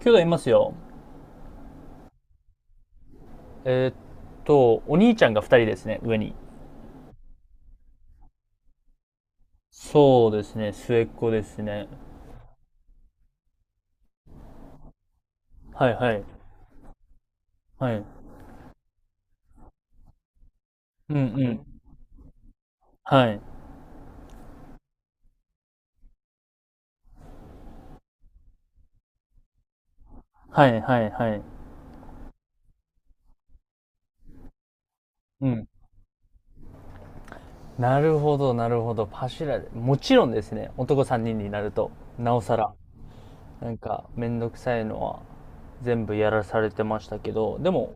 兄弟いますよ。えーっお兄ちゃんが二人ですね、上に。そうですね、末っ子ですね。はいはい。はい。うんうん。はい。はいはいはい。うん。なるほど、なるほど。パシュラで。もちろんですね、男三人にんになると、なおさら、めんどくさいのは全部やらされてましたけど、でも、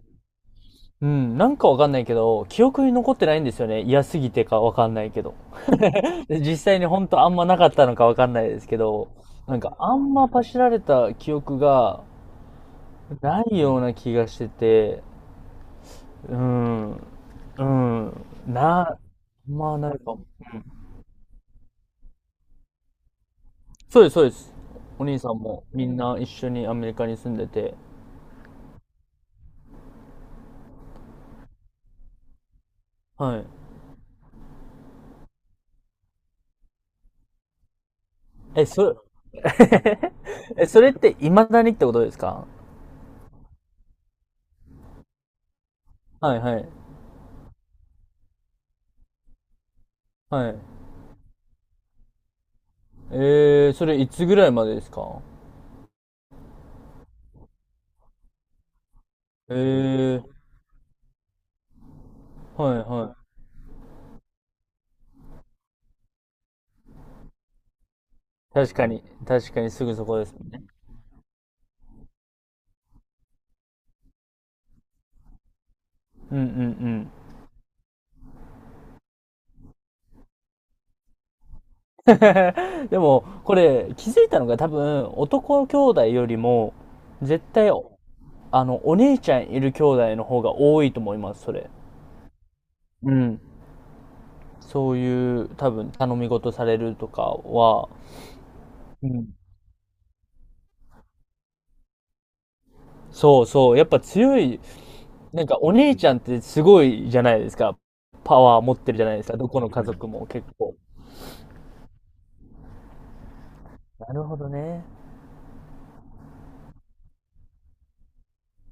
うん、なんかわかんないけど、記憶に残ってないんですよね。嫌すぎてかわかんないけど。で実際に本当あんまなかったのかわかんないですけど、なんかあんま走られた記憶がないような気がしてて、うん、うん、な、まあないかも。そうです、そうです。お兄さんもみんな一緒にアメリカに住んでて、はい。え、それ、え、それって未だにってことですか？はいはい。はい。えー、それいつぐらいまでですか？えー、はいはい。確かに、確かにすぐそこですね。うんうんうん。でも、これ、気づいたのが多分、男兄弟よりも、絶対、あの、お姉ちゃんいる兄弟の方が多いと思います、それ。うん。そういう、多分、頼み事されるとかは、うん。そうそう、やっぱ強い、なんかお姉ちゃんってすごいじゃないですか。パワー持ってるじゃないですか、どこの家族も結構。なるほどね。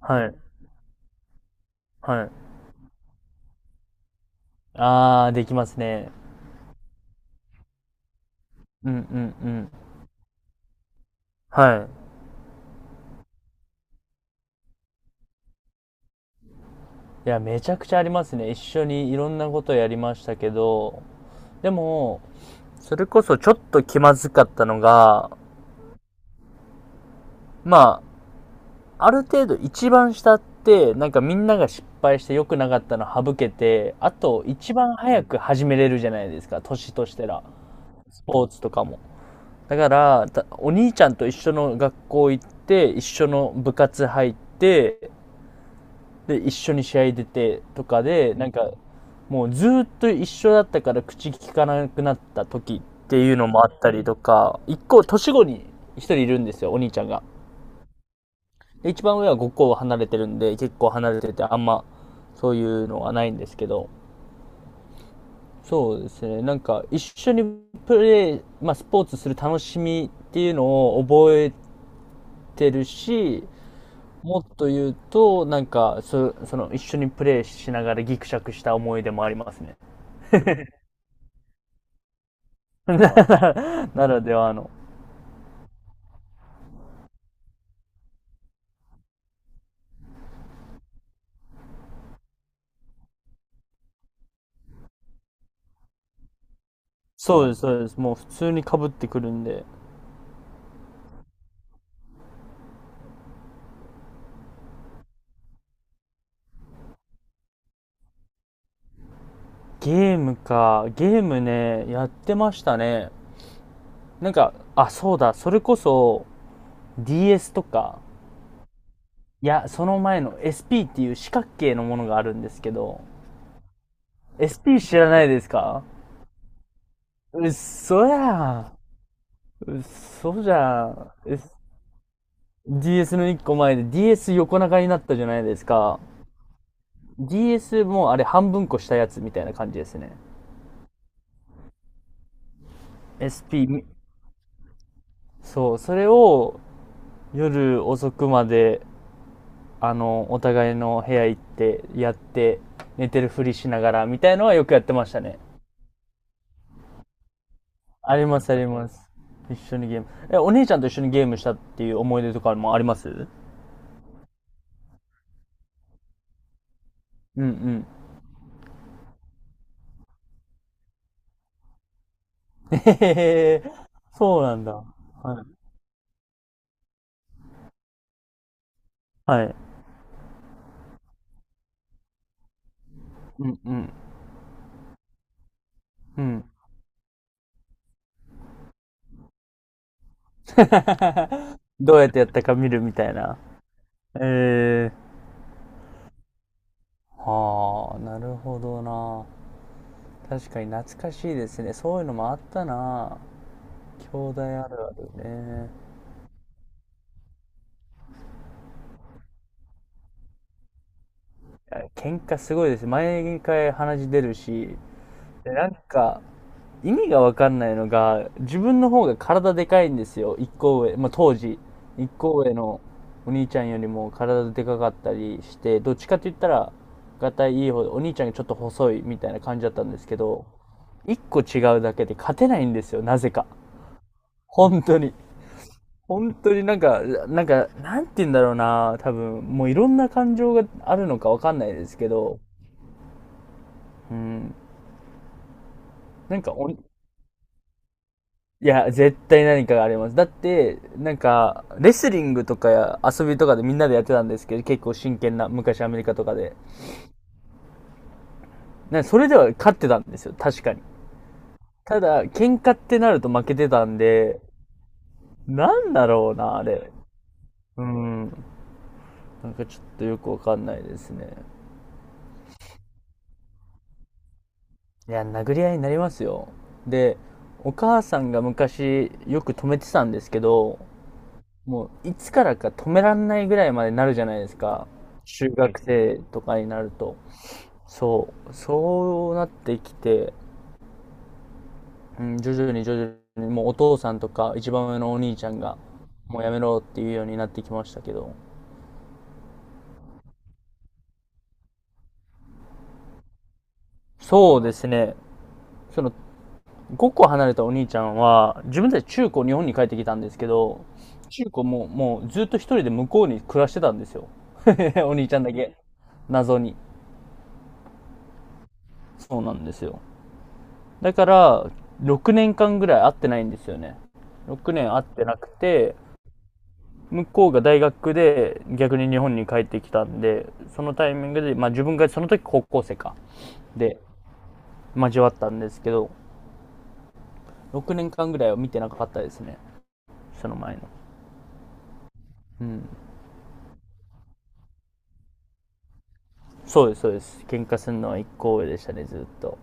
はい、はい。あー、できますね。うんうんうん。はい。いや、めちゃくちゃありますね。一緒にいろんなことやりましたけど、でも、それこそちょっと気まずかったのが、まあ、ある程度一番下って、なんかみんなが失敗して良くなかったの省けて、あと一番早く始めれるじゃないですか、年としてら。スポーツとかも。だから、お兄ちゃんと一緒の学校行って、一緒の部活入って、で、一緒に試合出てとかで、なんか、もうずーっと一緒だったから口聞かなくなった時っていうのもあったりとか、一個年後に一人いるんですよ、お兄ちゃんが。で、一番上は5個離れてるんで、結構離れてて、あんまそういうのはないんですけど、そうですね、なんか一緒にプレー、まあスポーツする楽しみっていうのを覚えてるし、もっと言うと、その一緒にプレーしながらギクシャクした思い出もありますね。ならではの。そうです、そうです。もう普通に被ってくるんで。ゲームか。ゲームね、やってましたね。なんか、あ、そうだ。それこそ DS とか、いや、その前の SP っていう四角形のものがあるんですけど、SP 知らないですか？うっそやん。うっそじゃん。DS の一個前で DS 横長になったじゃないですか。DS もあれ半分こしたやつみたいな感じですね。SP、 そうそれを夜遅くまで、あのお互いの部屋行ってやって、寝てるふりしながらみたいのはよくやってましたね。ありますあります。一緒にゲーム、お姉ちゃんと一緒にゲームしたっていう思い出とかもあります。うんうん。 へへへ そうなんだ。はいはい。うんうんうん。 どうやってやったか見るみたいな。えー、はあ、なるほどな。確かに懐かしいですね、そういうのもあったな。兄弟あるあるね。喧嘩すごいです。毎回鼻血出るし、で、なんか、意味がわかんないのが、自分の方が体でかいんですよ。一個上。まあ、当時、一個上のお兄ちゃんよりも体でかかったりして、どっちかって言ったら、がたいいい方で、お兄ちゃんがちょっと細いみたいな感じだったんですけど、一個違うだけで勝てないんですよ。なぜか。本当に。本当になんか、なんて言うんだろうな、多分、もういろんな感情があるのかわかんないですけど、うん、なんかおいや、絶対何かがあります。だって、なんか、レスリングとかや遊びとかでみんなでやってたんですけど、結構真剣な、昔アメリカとかで。なんかそれでは勝ってたんですよ、確かに。ただ、喧嘩ってなると負けてたんで、なんだろうな、あれ。うん、なんかちょっとよくわかんないですね。いや、殴り合いになりますよ。で、お母さんが昔よく止めてたんですけど、もういつからか止めらんないぐらいまでなるじゃないですか。中学生とかになると。そう、そうなってきて、うん、徐々に、もうお父さんとか一番上のお兄ちゃんが、もうやめろっていうようになってきましたけど。そうですね。その5個離れたお兄ちゃんは、自分たち中高日本に帰ってきたんですけど、中高ももうずっと一人で向こうに暮らしてたんですよ。お兄ちゃんだけ。謎に。そうなんですよ。だから、6年間ぐらい会ってないんですよね。6年会ってなくて、向こうが大学で逆に日本に帰ってきたんで、そのタイミングで、まあ自分がその時高校生か。で、交わったんですけど、6年間ぐらいは見てなかったですね。その前の。うん。そうです、そうです。喧嘩するのは1個上でしたね、ずっと。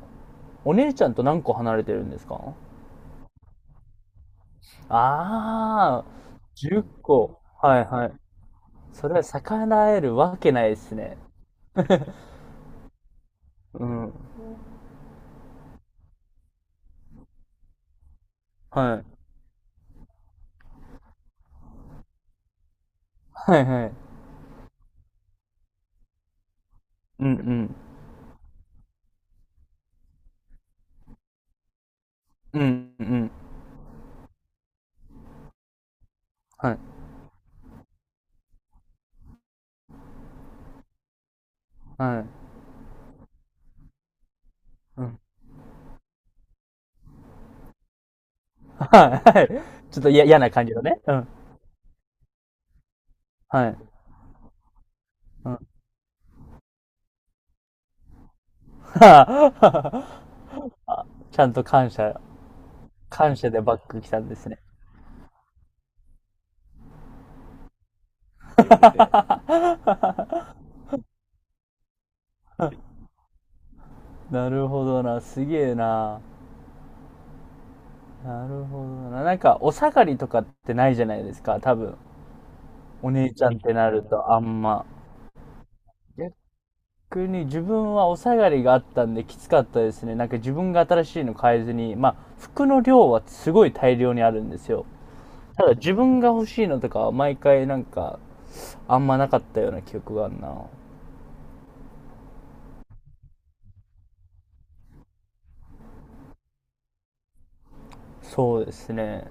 お姉ちゃんと何個離れてるんですか？ああ、10個。はいはい。それは逆らえるわけないですね。うん。はい。はいはい。うんうん。うんうん。はい。はい。うん。はいはい。ちょっと嫌嫌な感じのね。うん。はい。うん。はあ、はあ、ちゃんと感謝、感謝でバック来たんですね。なるほどな。すげえな。なるほどな。なんか、お下がりとかってないじゃないですか、多分。お姉ちゃんってなると、あんま。逆に自分はお下がりがあったんできつかったですね。なんか自分が新しいの買えずに、まあ、服の量はすごい大量にあるんですよ。ただ自分が欲しいのとかは毎回なんか、あんまなかったような記憶があるな。そうですね。